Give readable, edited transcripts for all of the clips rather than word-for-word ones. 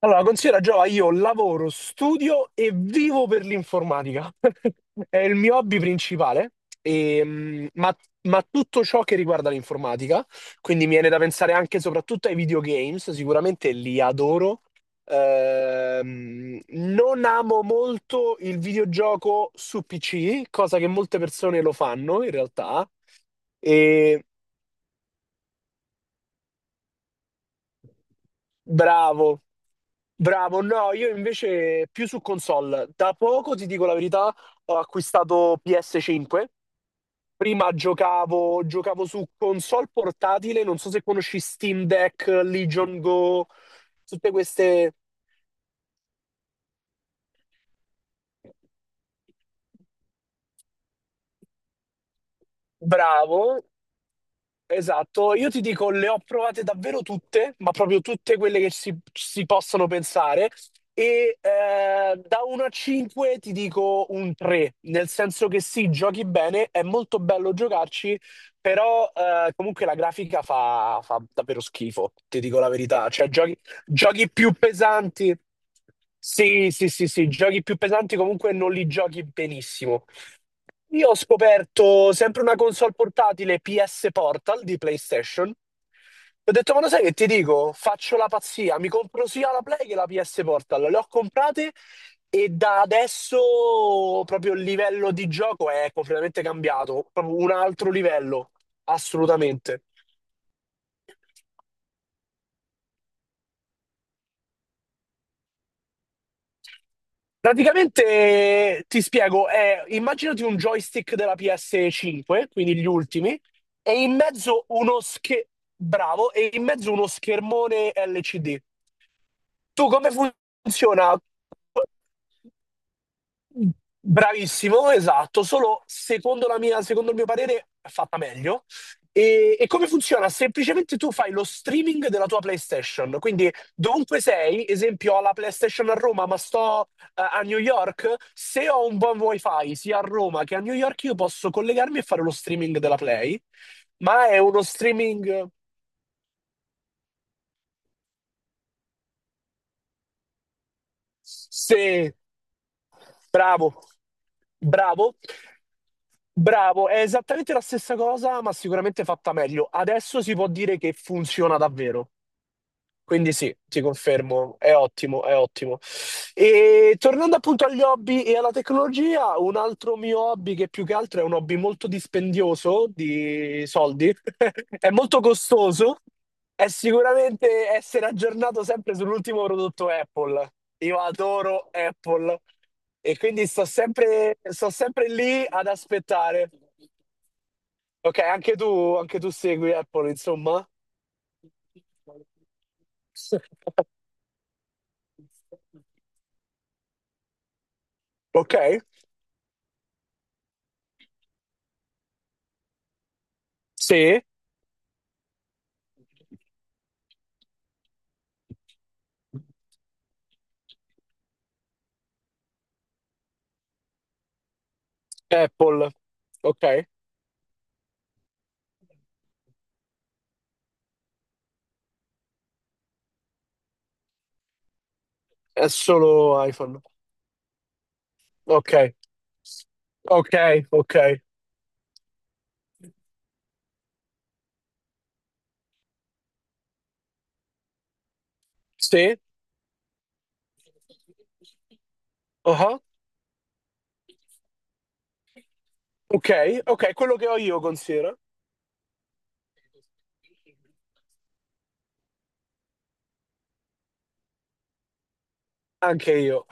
Allora, considera Giova, io lavoro, studio e vivo per l'informatica. È il mio hobby principale, e, mh, ma, ma tutto ciò che riguarda l'informatica, quindi mi viene da pensare anche e soprattutto ai videogames, sicuramente li adoro. Non amo molto il videogioco su PC, cosa che molte persone lo fanno in realtà. Bravo, bravo. No, io invece più su console. Da poco, ti dico la verità, ho acquistato PS5. Prima giocavo, su console portatile, non so se conosci Steam Deck, Legion Go, tutte queste... Bravo, esatto, io ti dico, le ho provate davvero tutte, ma proprio tutte quelle che si possono pensare. Da 1 a 5 ti dico un 3, nel senso che sì, giochi bene, è molto bello giocarci, però comunque la grafica fa davvero schifo, ti dico la verità. Cioè, giochi, giochi più pesanti. Sì, sì, sì, sì, giochi più pesanti comunque non li giochi benissimo. Io ho scoperto sempre una console portatile PS Portal di PlayStation. Ho detto, ma lo sai che ti dico? Faccio la pazzia, mi compro sia la Play che la PS Portal. Le ho comprate e da adesso proprio il livello di gioco è completamente cambiato, proprio un altro livello, assolutamente. Praticamente ti spiego, è, immaginati un joystick della PS5, quindi gli ultimi, e in mezzo uno schermo, bravo, e in mezzo uno schermone LCD. Tu come funziona? Bravissimo, esatto, solo secondo il mio parere è fatta meglio. E come funziona? Semplicemente tu fai lo streaming della tua PlayStation, quindi dovunque sei, esempio ho la PlayStation a Roma, ma sto a New York, se ho un buon wifi sia a Roma che a New York, io posso collegarmi e fare lo streaming della Play, ma è uno streaming. Sì, bravo, bravo, bravo. È esattamente la stessa cosa, ma sicuramente fatta meglio. Adesso si può dire che funziona davvero. Quindi sì, ti confermo, è ottimo, è ottimo. E tornando appunto agli hobby e alla tecnologia, un altro mio hobby, che più che altro è un hobby molto dispendioso di soldi, è molto costoso, è sicuramente essere aggiornato sempre sull'ultimo prodotto Apple. Io adoro Apple e quindi sto sempre lì ad aspettare. Ok, anche tu segui Apple, insomma. Ok? Sì, Apple. Ok, è solo iPhone. Ok, ok, ok. Sì, uh-huh. Ok, ok, quello che ho io considero. Anche io.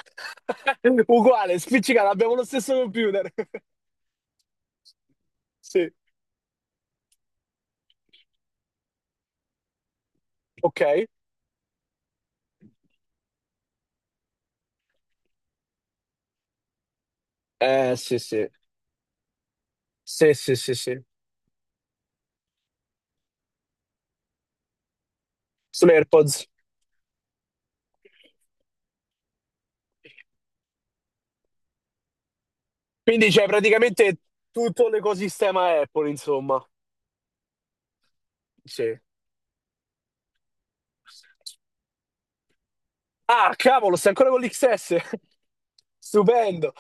Uguale, spiccicata, abbiamo lo stesso computer. Sì, ok. Sì, sì. Sì, sì, sì, sì. Sono AirPods. Quindi c'è praticamente tutto l'ecosistema Apple, insomma. Sì. Ah, cavolo, stai ancora con l'XS? Stupendo.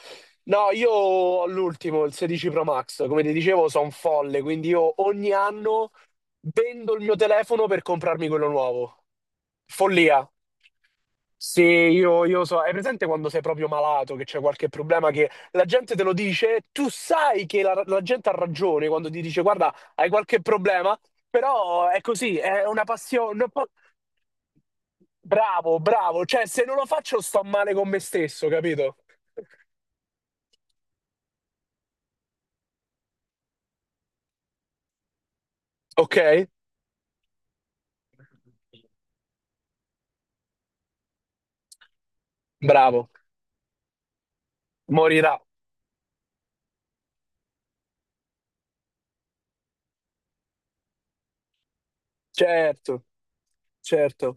No, io ho l'ultimo, il 16 Pro Max. Come ti dicevo, sono un folle, quindi io ogni anno vendo il mio telefono per comprarmi quello nuovo. Follia. Sì, io so, hai presente quando sei proprio malato, che c'è qualche problema, che la gente te lo dice, tu sai che la gente ha ragione quando ti dice guarda, hai qualche problema, però è così, è una passione. Un po'- Bravo, bravo, cioè se non lo faccio sto male con me stesso, capito? Ok? Bravo, morirà. Certo, certo.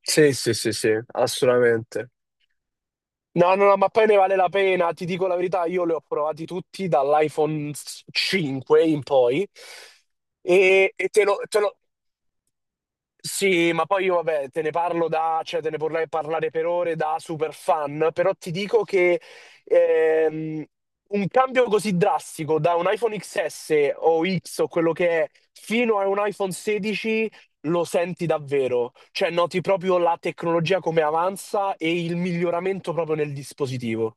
Sì, sì, sì, sì, assolutamente. No, no, no, ma poi ne vale la pena, ti dico la verità, io li ho provati tutti dall'iPhone 5 in poi e, Sì, ma poi io vabbè, te ne parlo da, cioè te ne vorrei parlare per ore da super fan, però ti dico che ehm, un cambio così drastico da un iPhone XS o X o quello che è fino a un iPhone 16 lo senti davvero, cioè noti proprio la tecnologia come avanza e il miglioramento proprio nel dispositivo.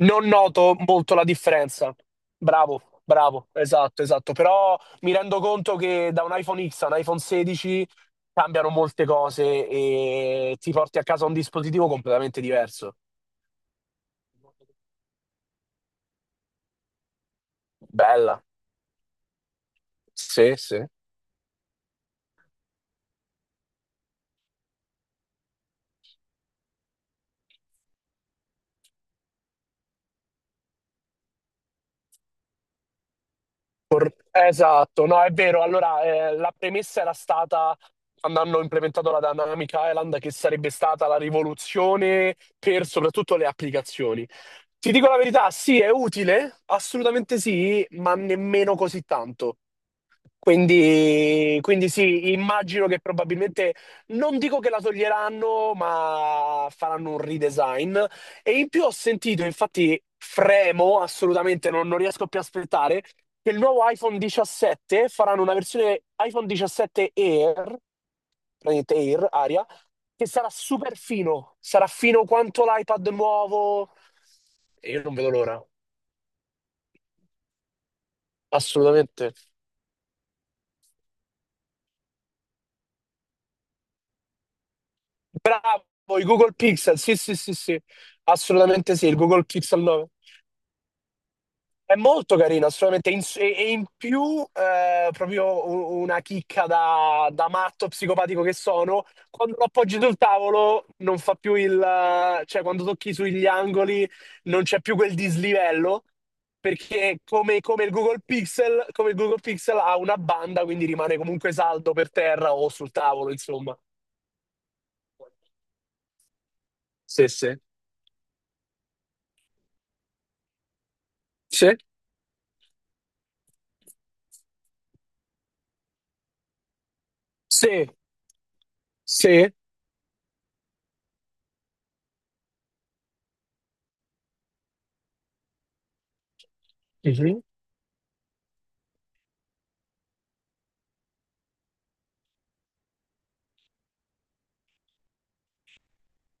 Non noto molto la differenza. Bravo, bravo, esatto, esatto. Però mi rendo conto che da un iPhone X a un iPhone 16 cambiano molte cose e ti porti a casa un dispositivo completamente diverso. Bella, sì, sì. Esatto, no, è vero. Allora, la premessa era stata, Quando hanno implementato la Dynamic Island, che sarebbe stata la rivoluzione per soprattutto le applicazioni. Ti dico la verità, sì, è utile, assolutamente sì, ma nemmeno così tanto. Quindi sì, immagino che probabilmente, non dico che la toglieranno, ma faranno un redesign. E in più ho sentito, infatti fremo assolutamente, non riesco più a aspettare, che il nuovo iPhone 17 faranno una versione iPhone 17 Air, praticamente Air, Aria, che sarà super fino, sarà fino quanto l'iPad nuovo. E io non vedo l'ora, assolutamente. Bravo, i Google Pixel, sì, sì, sì, sì, assolutamente sì, il Google Pixel 9. È molto carino, assolutamente, e in più proprio una chicca da matto psicopatico che sono, quando lo appoggi sul tavolo non fa più il... cioè quando tocchi sugli angoli non c'è più quel dislivello, perché come il Google Pixel, come il Google Pixel ha una banda, quindi rimane comunque saldo per terra o sul tavolo, insomma. Sì, sì. Sì? Sì, sì? Sì, sì.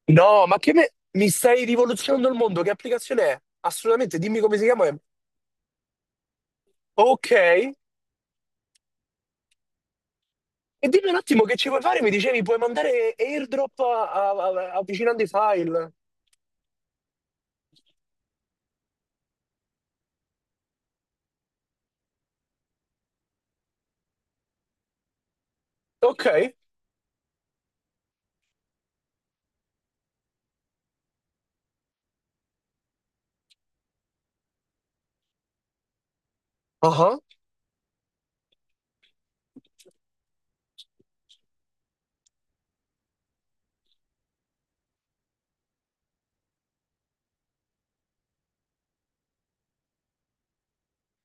No, ma che me... mi stai rivoluzionando il mondo? Che applicazione è? Assolutamente, dimmi come si chiama. E- Ok. E dimmi un attimo che ci vuoi fare? Mi dicevi, puoi mandare airdrop avvicinando i file. Ok.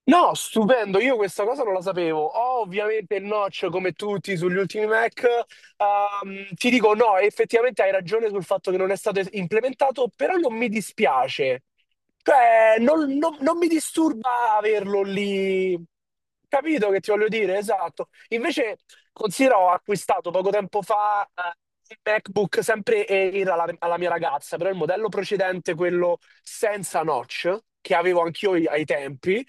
No, stupendo, io questa cosa non la sapevo. Ho ovviamente il notch come tutti sugli ultimi Mac. Ti dico no, effettivamente hai ragione sul fatto che non è stato implementato, però non mi dispiace. Cioè, non mi disturba averlo lì. Capito che ti voglio dire? Esatto. Invece, considero, ho acquistato poco tempo fa un MacBook sempre Air alla, alla mia ragazza, però il modello precedente, quello senza notch, che avevo anch'io ai tempi.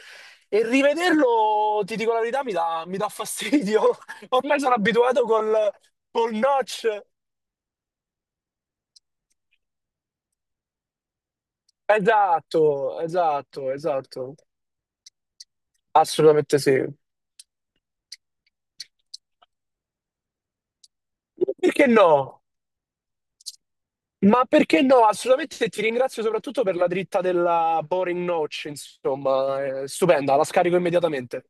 E rivederlo, ti dico la verità, mi dà fastidio. Ormai sono abituato col, col notch. Esatto, esatto, esatto. Assolutamente sì. Perché no? Ma perché no? Assolutamente ti ringrazio soprattutto per la dritta della Boring Notch, insomma, è stupenda, la scarico immediatamente.